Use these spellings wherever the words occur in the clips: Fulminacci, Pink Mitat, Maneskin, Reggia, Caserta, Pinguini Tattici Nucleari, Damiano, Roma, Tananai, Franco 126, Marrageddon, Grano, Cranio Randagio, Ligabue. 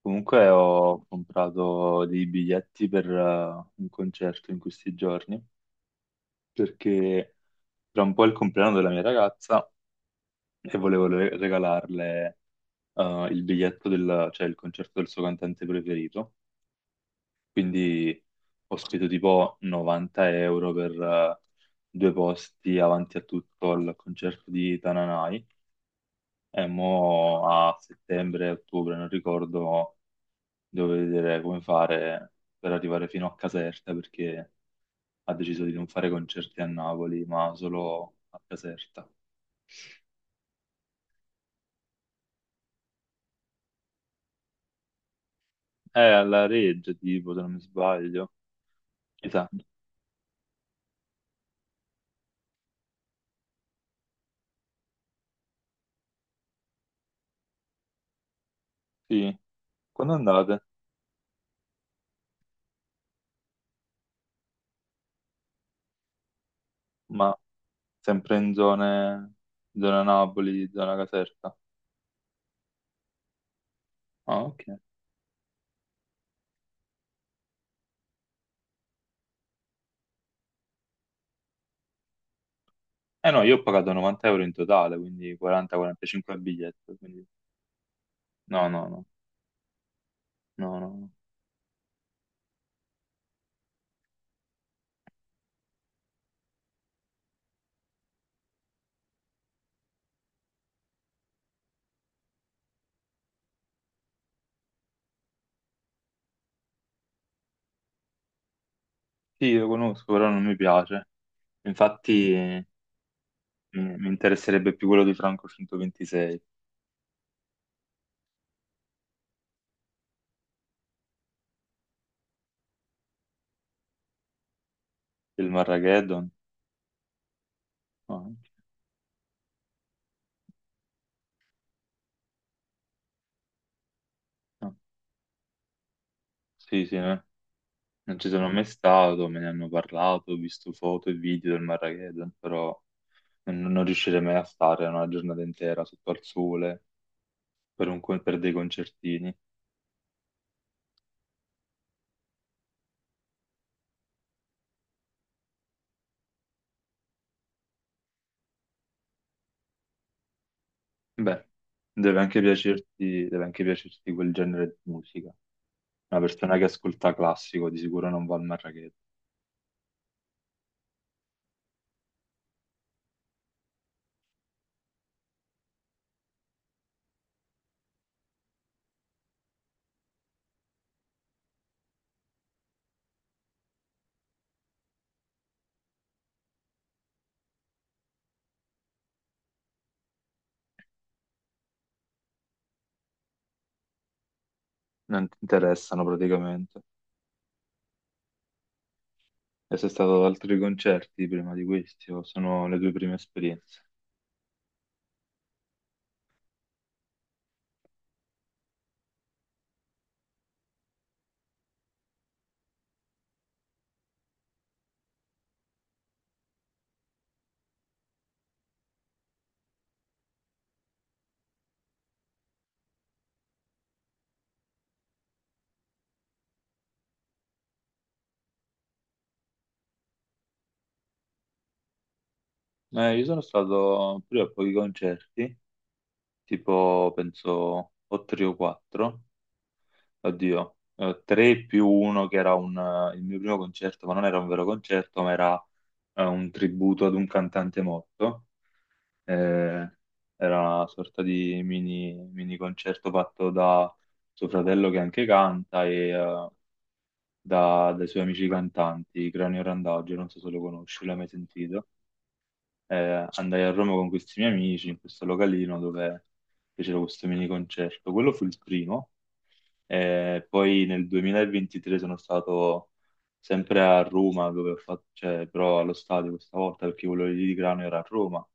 Comunque ho comprato dei biglietti per un concerto in questi giorni perché tra un po' è il compleanno della mia ragazza e volevo regalarle il biglietto, cioè il concerto del suo cantante preferito. Quindi ho speso tipo 90 euro per due posti avanti a tutto al concerto di Tananai e mo a settembre, ottobre, non ricordo, devo vedere come fare per arrivare fino a Caserta perché ha deciso di non fare concerti a Napoli, ma solo a Caserta. È alla Reggia, tipo, se non mi sbaglio. Chissà. Sì. Quando andate? Ma sempre in zone, zona Napoli, zona Caserta. Ah, ok. Eh no, io ho pagato 90 euro in totale, quindi 40-45 a biglietto. Quindi... No, no, no, no, no, no. Sì, lo conosco, però non mi piace. Infatti... Mi interesserebbe più quello di Franco 126, il Marrageddon. No, no. Sì, sì, no. Non ci sono mai stato, me ne hanno parlato, ho visto foto e video del Marrageddon, però non riuscirei mai a stare una giornata intera sotto al sole per, per dei concertini. Beh, deve anche piacerti quel genere di musica. Una persona che ascolta classico di sicuro non va al Marrageddon, non ti interessano praticamente. E sei stato ad altri concerti prima di questi o sono le tue prime esperienze? Io sono stato pure a pochi concerti, tipo penso o tre o quattro, oddio, tre più uno che era il mio primo concerto, ma non era un vero concerto, ma era un tributo ad un cantante morto. Eh, era una sorta di mini concerto fatto da suo fratello che anche canta e dai suoi amici cantanti, Cranio Randagio, non so se lo conosci, l'hai mai sentito. Andai a Roma con questi miei amici in questo localino dove fecero questo mini concerto. Quello fu il primo. Poi nel 2023 sono stato sempre a Roma, dove ho fatto, cioè, però allo stadio questa volta perché quello lì di Grano era a Roma.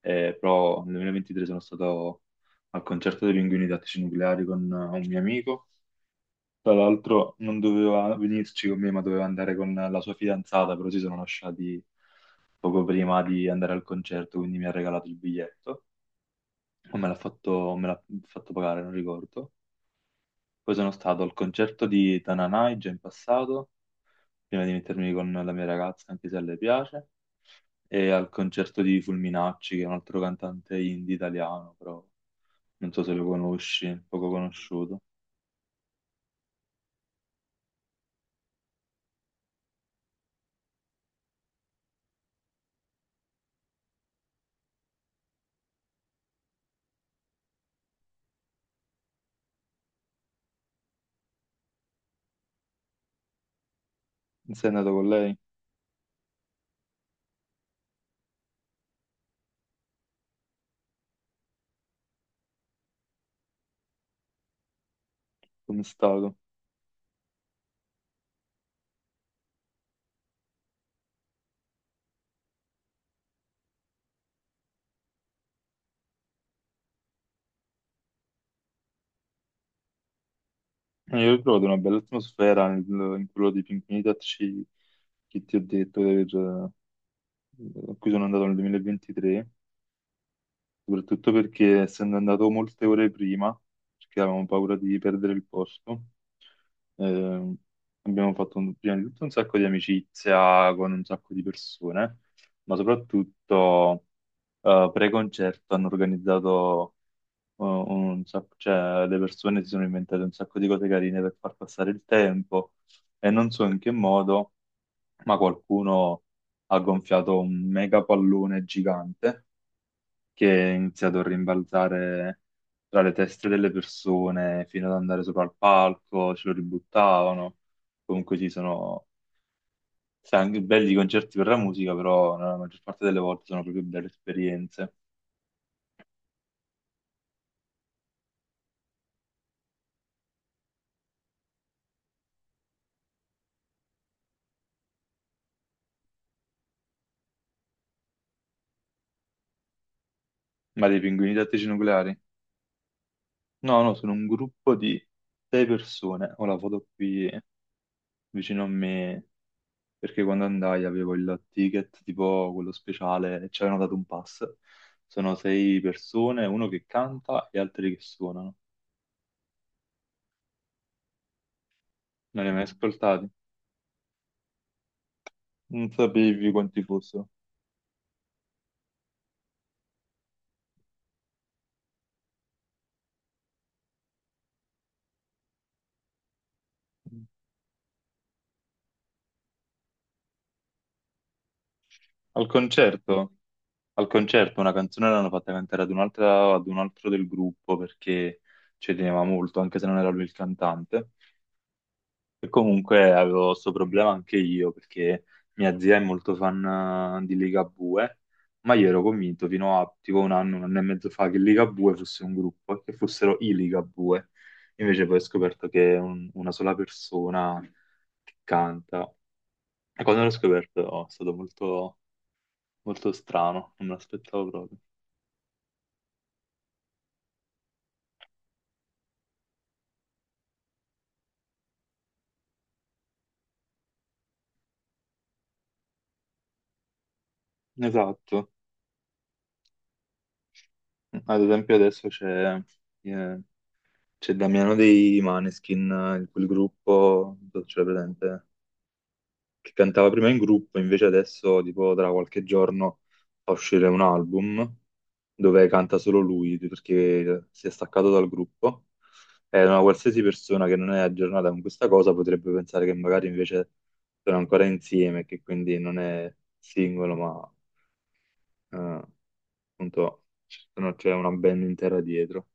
Però nel 2023 sono stato al concerto dei Pinguini Tattici Nucleari con un mio amico, tra l'altro non doveva venirci con me, ma doveva andare con la sua fidanzata, però si sono lasciati poco prima di andare al concerto, quindi mi ha regalato il biglietto. O me l'ha fatto, o me l'ha fatto pagare, non ricordo. Poi sono stato al concerto di Tananai già in passato, prima di mettermi con la mia ragazza, anche se a lei piace, e al concerto di Fulminacci, che è un altro cantante indie italiano, però non so se lo conosci, poco conosciuto. Sei andato con lei? Come è stato? Io ho trovato una bella atmosfera in quello di Pink Mitat che ti ho detto di aver- a cui sono andato nel 2023, soprattutto perché essendo andato molte ore prima, perché avevamo paura di perdere il posto, eh, abbiamo fatto prima di tutto un sacco di amicizia con un sacco di persone, ma soprattutto pre-concerto hanno organizzato cioè, le persone si sono inventate un sacco di cose carine per far passare il tempo e non so in che modo, ma qualcuno ha gonfiato un mega pallone gigante che è iniziato a rimbalzare tra le teste delle persone fino ad andare sopra al palco, ce lo ributtavano. Comunque sì, sono sai, anche belli i concerti per la musica, però nella maggior parte delle volte sono proprio belle esperienze. Ma dei pinguini tattici nucleari? No, no, sono un gruppo di sei persone. Ora vado qui vicino a me perché quando andai avevo il ticket tipo quello speciale e ci avevano dato un pass. Sono sei persone, uno che canta e altri che suonano. Non li hai mai ascoltati? Non sapevi quanti fossero. Al concerto, al concerto una canzone l'hanno fatta cantare ad ad un altro del gruppo perché ci teneva molto, anche se non era lui il cantante. E comunque avevo questo problema anche io perché mia zia è molto fan di Ligabue, ma io ero convinto fino a tipo un anno e mezzo fa che Ligabue fosse un gruppo e che fossero i Ligabue. Invece poi ho scoperto che è una sola persona che canta. E quando l'ho scoperto oh, è stato molto, molto strano, non me l'aspettavo proprio. Esatto. Ad esempio adesso c'è eh, c'è Damiano dei Maneskin, in quel gruppo, non so se ce l'hai presente, che cantava prima in gruppo, invece adesso, tipo, tra qualche giorno fa uscire un album dove canta solo lui, perché si è staccato dal gruppo. E una qualsiasi persona che non è aggiornata con questa cosa potrebbe pensare che magari invece sono ancora insieme, che quindi non è singolo, ma eh, appunto c'è una band intera dietro.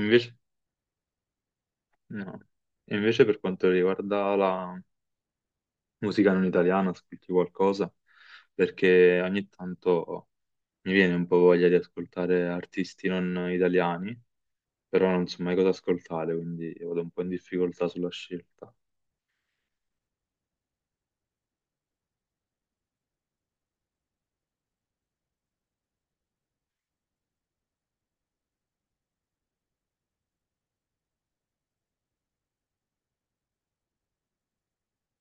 Invece, no. Invece per quanto riguarda la musica non italiana, ascolti qualcosa? Perché ogni tanto mi viene un po' voglia di ascoltare artisti non italiani, però non so mai cosa ascoltare, quindi vado un po' in difficoltà sulla scelta.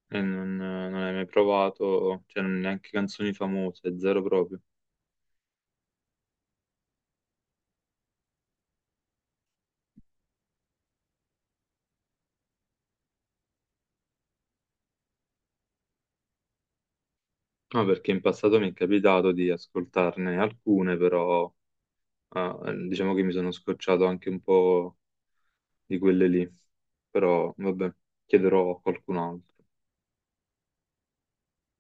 E non hai mai provato, neanche canzoni famose, zero proprio. No, perché in passato mi è capitato di ascoltarne alcune, però diciamo che mi sono scocciato anche un po' di quelle lì. Però vabbè, chiederò a qualcun altro.